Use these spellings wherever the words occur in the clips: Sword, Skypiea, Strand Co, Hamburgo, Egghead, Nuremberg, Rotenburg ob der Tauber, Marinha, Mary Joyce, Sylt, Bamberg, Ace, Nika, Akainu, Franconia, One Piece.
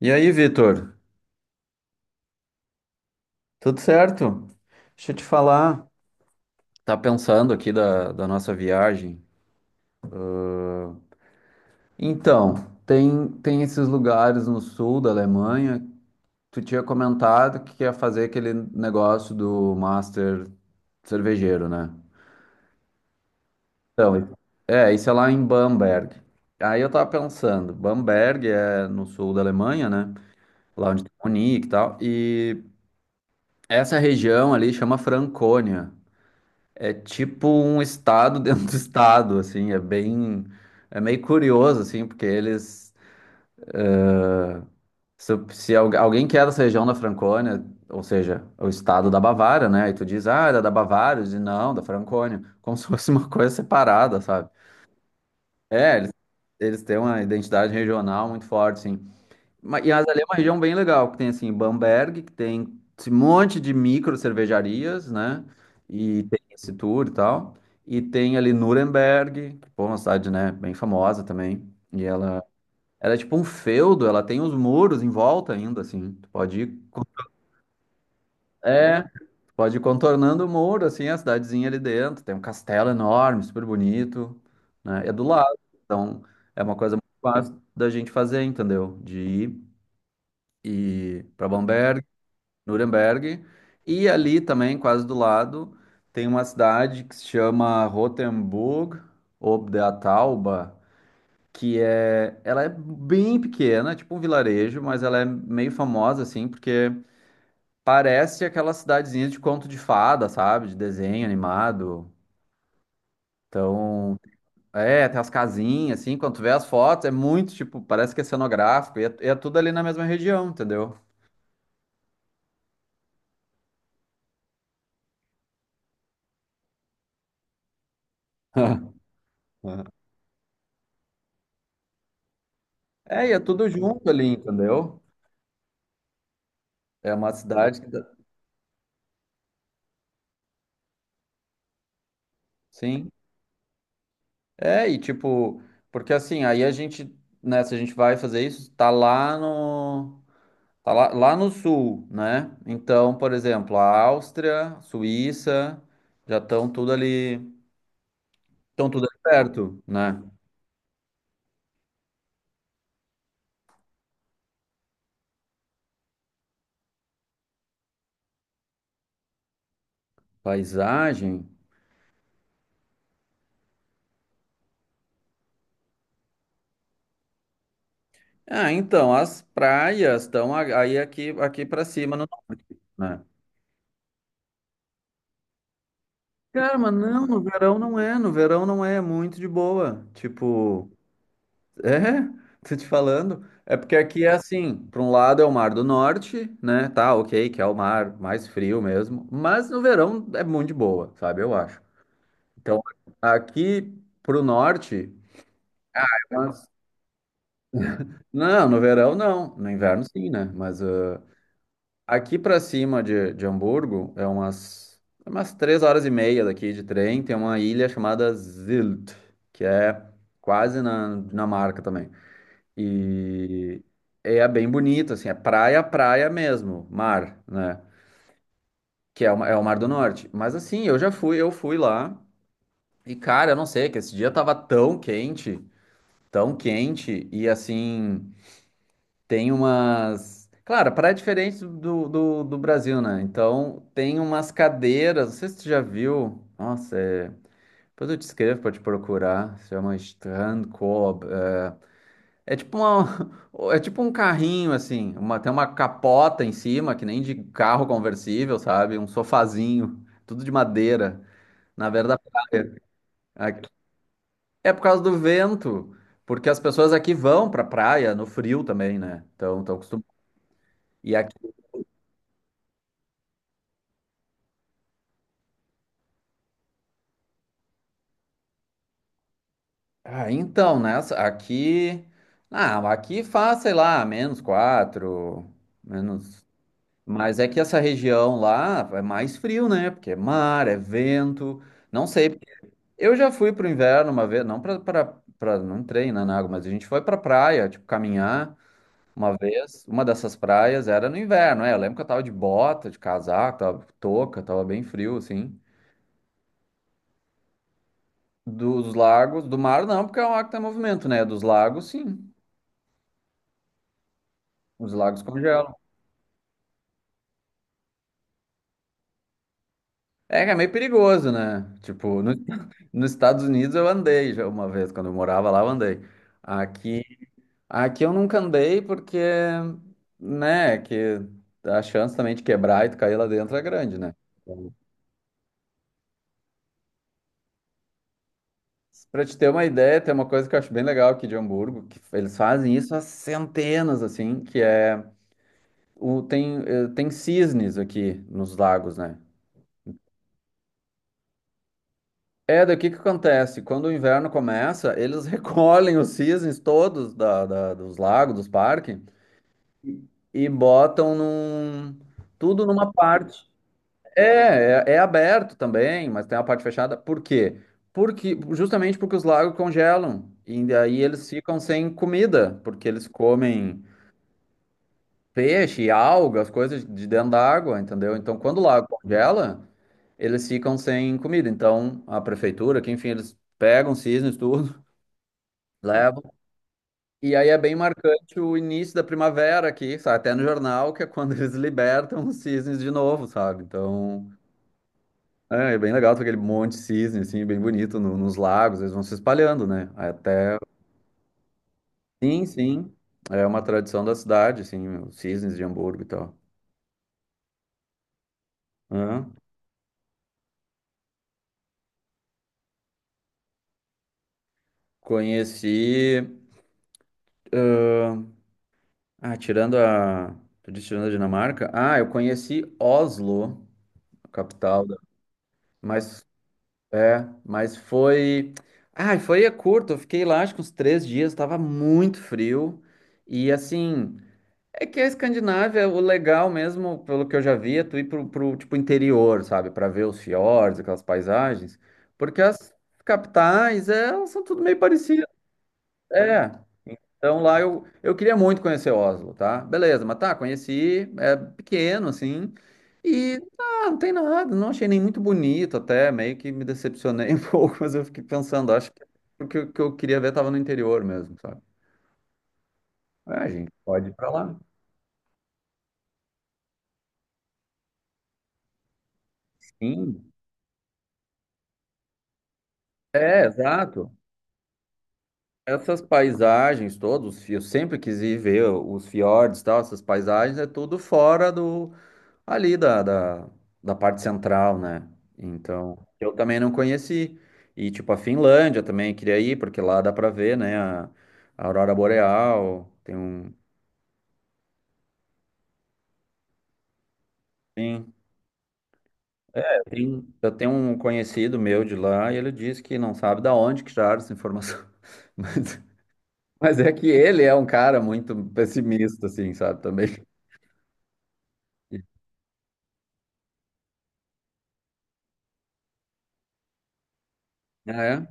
E aí, Vitor? Tudo certo? Deixa eu te falar. Tá pensando aqui da nossa viagem? Então, tem esses lugares no sul da Alemanha. Tu tinha comentado que ia fazer aquele negócio do Master cervejeiro, né? Então, é, isso é lá em Bamberg. Aí eu tava pensando, Bamberg é no sul da Alemanha, né? Lá onde tem Munique e tal. E essa região ali chama Franconia. É tipo um estado dentro do estado, assim, é bem, é meio curioso, assim, porque eles, se algu- alguém que é dessa região da Francônia, ou seja, o estado da Bavária, né, e tu diz, ah, era da Bavária, eu diz, não, da Francônia, como se fosse uma coisa separada, sabe? É, eles têm uma identidade regional muito forte, assim. Mas ali é uma região bem legal, que tem assim Bamberg, que tem esse monte de micro cervejarias, né? E tem esse tour e tal. E tem ali Nuremberg, que pô, é uma cidade, né, bem famosa também. E ela é tipo um feudo, ela tem os muros em volta ainda, assim. Tu pode ir, con- é, tu pode ir contornando o muro, assim, a cidadezinha ali dentro. Tem um castelo enorme, super bonito, né? É do lado, então é uma coisa muito fácil da gente fazer, entendeu? De ir e para Bamberg Nuremberg. E ali também, quase do lado, tem uma cidade que se chama Rotenburg ob der Tauber, que é, ela é bem pequena, tipo um vilarejo, mas ela é meio famosa assim, porque parece aquela cidadezinha de conto de fada, sabe? De desenho animado. Então, é, tem as casinhas assim, quando tu vê as fotos, é muito tipo, parece que é cenográfico, e é tudo ali na mesma região, entendeu? É, e é tudo junto ali, entendeu? É uma cidade que dá- Sim. É, e tipo, porque assim, aí se a gente vai fazer isso, Tá lá, lá no sul, né? Então, por exemplo, a Áustria, Suíça, já estão tudo ali. Estão tudo ali perto, né? Paisagem. Ah, então, as praias aí aqui, aqui para cima no norte, né? Cara, mas não, no verão não é, no verão não é, é muito de boa. Tipo. É, tô te falando. É porque aqui é assim, para um lado é o Mar do Norte, né? Tá, ok, que é o mar mais frio mesmo, mas no verão é muito de boa, sabe? Eu acho. Então, aqui pro norte, mas- não, no verão não, no inverno sim, né? Mas ah, aqui para cima de Hamburgo é umas 3 horas e meia daqui de trem, tem uma ilha chamada Sylt, que é quase na Dinamarca também. E é bem bonito, assim, é praia, praia mesmo, mar, né? Que é é o Mar do Norte. Mas assim, eu já fui, eu fui lá. E cara, eu não sei, que esse dia tava tão quente, tão quente. E assim, tem umas. Claro, a praia é diferente do Brasil, né? Então, tem umas cadeiras, não sei se tu já viu. Nossa, é depois eu te escrevo pra te procurar. Se chama Strand Co. É tipo uma, é tipo um carrinho, assim. Uma, tem uma capota em cima, que nem de carro conversível, sabe? Um sofazinho, tudo de madeira. Na verdade, aqui- é por causa do vento. Porque as pessoas aqui vão pra praia no frio também, né? Então, estão acostumadas. E aqui. Ah, então, né? Aqui. Ah, aqui faz, sei lá, -4, menos. Mas é que essa região lá é mais frio, né? Porque é mar, é vento. Não sei. Eu já fui pro inverno uma vez, não pra não treinar na água, mas a gente foi pra praia, tipo, caminhar uma vez. Uma dessas praias era no inverno, é. Eu lembro que eu tava de bota, de casaco, tava com touca, tava bem frio, assim. Dos lagos, do mar não, porque é um mar que tem movimento, né? Dos lagos, sim. Os lagos congelam. É que é meio perigoso, né? Tipo, nos Estados Unidos eu andei já uma vez, quando eu morava lá, eu andei. Aqui. Aqui eu nunca andei porque, né, que a chance também de quebrar e tu cair lá dentro é grande, né? Então, pra te ter uma ideia, tem uma coisa que eu acho bem legal aqui de Hamburgo, que eles fazem isso há centenas, assim, que é tem cisnes aqui nos lagos, né? É, daqui que acontece, quando o inverno começa, eles recolhem os cisnes todos dos lagos, dos parques, e botam num, tudo numa parte. É, é, é aberto também, mas tem a parte fechada. Por quê? Porque, justamente porque os lagos congelam. E daí eles ficam sem comida, porque eles comem peixe, algas, coisas de dentro da água, entendeu? Então, quando o lago congela, eles ficam sem comida. Então, a prefeitura, que enfim, eles pegam cisnes, tudo, levam. E aí é bem marcante o início da primavera aqui, sabe? Até no jornal, que é quando eles libertam os cisnes de novo, sabe? Então. É, é bem legal, tem aquele monte de cisne, assim, bem bonito nos lagos, eles vão se espalhando, né? Até. Sim, sim. É uma tradição da cidade, assim, os cisnes de Hamburgo e tal. Hã? Conheci. Ah, tirando a. Tu disse tirando a Dinamarca? Ah, eu conheci Oslo, a capital. da- Mas. É, mas foi. Ah, foi é curto, eu fiquei lá acho que uns 3 dias, tava muito frio. E assim. É que a Escandinávia, o legal mesmo, pelo que eu já vi, é tu ir pro tipo, interior, sabe? Pra ver os fiordes, aquelas paisagens. Porque as capitais, é, elas são tudo meio parecidas. É. Então lá eu queria muito conhecer Oslo, tá? Beleza, mas tá, conheci, é pequeno, assim. E ah, não tem nada, não achei nem muito bonito até, meio que me decepcionei um pouco, mas eu fiquei pensando, acho que o que eu queria ver tava no interior mesmo, sabe? Ah, gente, pode ir pra lá. Sim. É, exato. Essas paisagens todos, eu sempre quis ir ver os fiordes e tal, essas paisagens é tudo fora do ali da parte central, né? Então, eu também não conheci. E tipo a Finlândia também queria ir, porque lá dá pra ver, né, a aurora boreal, tem um Sim. Eu tenho um conhecido meu de lá e ele disse que não sabe da onde que tiraram essa informação. Mas, mas é que ele é um cara muito pessimista, assim, sabe, também. Ah, é?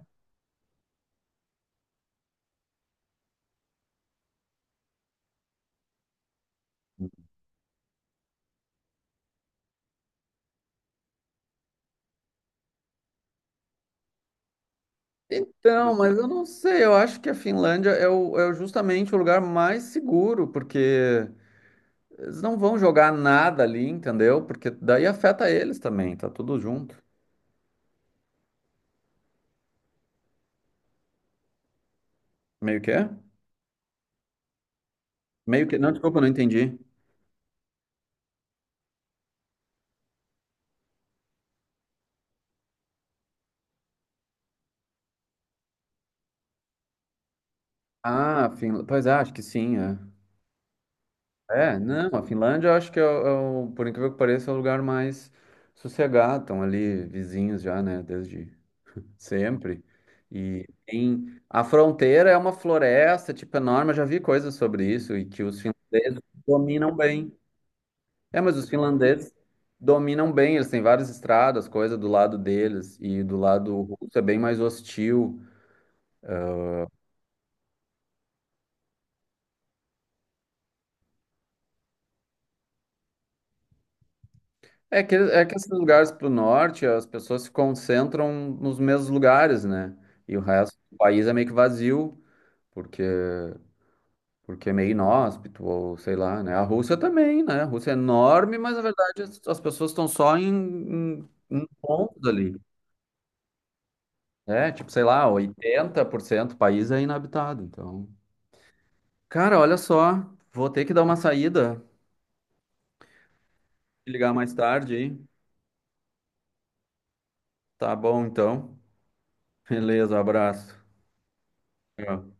Então, mas eu não sei, eu acho que a Finlândia é o- justamente o lugar mais seguro, porque eles não vão jogar nada ali, entendeu? Porque daí afeta eles também, tá tudo junto. Meio que é? Meio que. Não, desculpa, eu não entendi. Ah, Finlândia. Pois é, acho que sim, é. É, não, a Finlândia eu acho que é o- por incrível que pareça, é o lugar mais sossegado. Estão ali vizinhos já, né? Desde Sempre. E em a fronteira é uma floresta, tipo, enorme. Eu já vi coisas sobre isso e que os finlandeses dominam bem. É, mas os finlandeses dominam bem. Eles têm várias estradas, coisa do lado deles e do lado russo é bem mais hostil. É que esses lugares para o norte, as pessoas se concentram nos mesmos lugares, né? E o resto do país é meio que vazio, porque porque é meio inóspito, ou sei lá, né? A Rússia também, né? A Rússia é enorme, mas na verdade as pessoas estão só em pontos ali. É, tipo, sei lá, 80% do país é inabitado. Então, cara, olha só, vou ter que dar uma saída, ligar mais tarde, hein? Tá bom, então. Beleza, abraço. Tchau.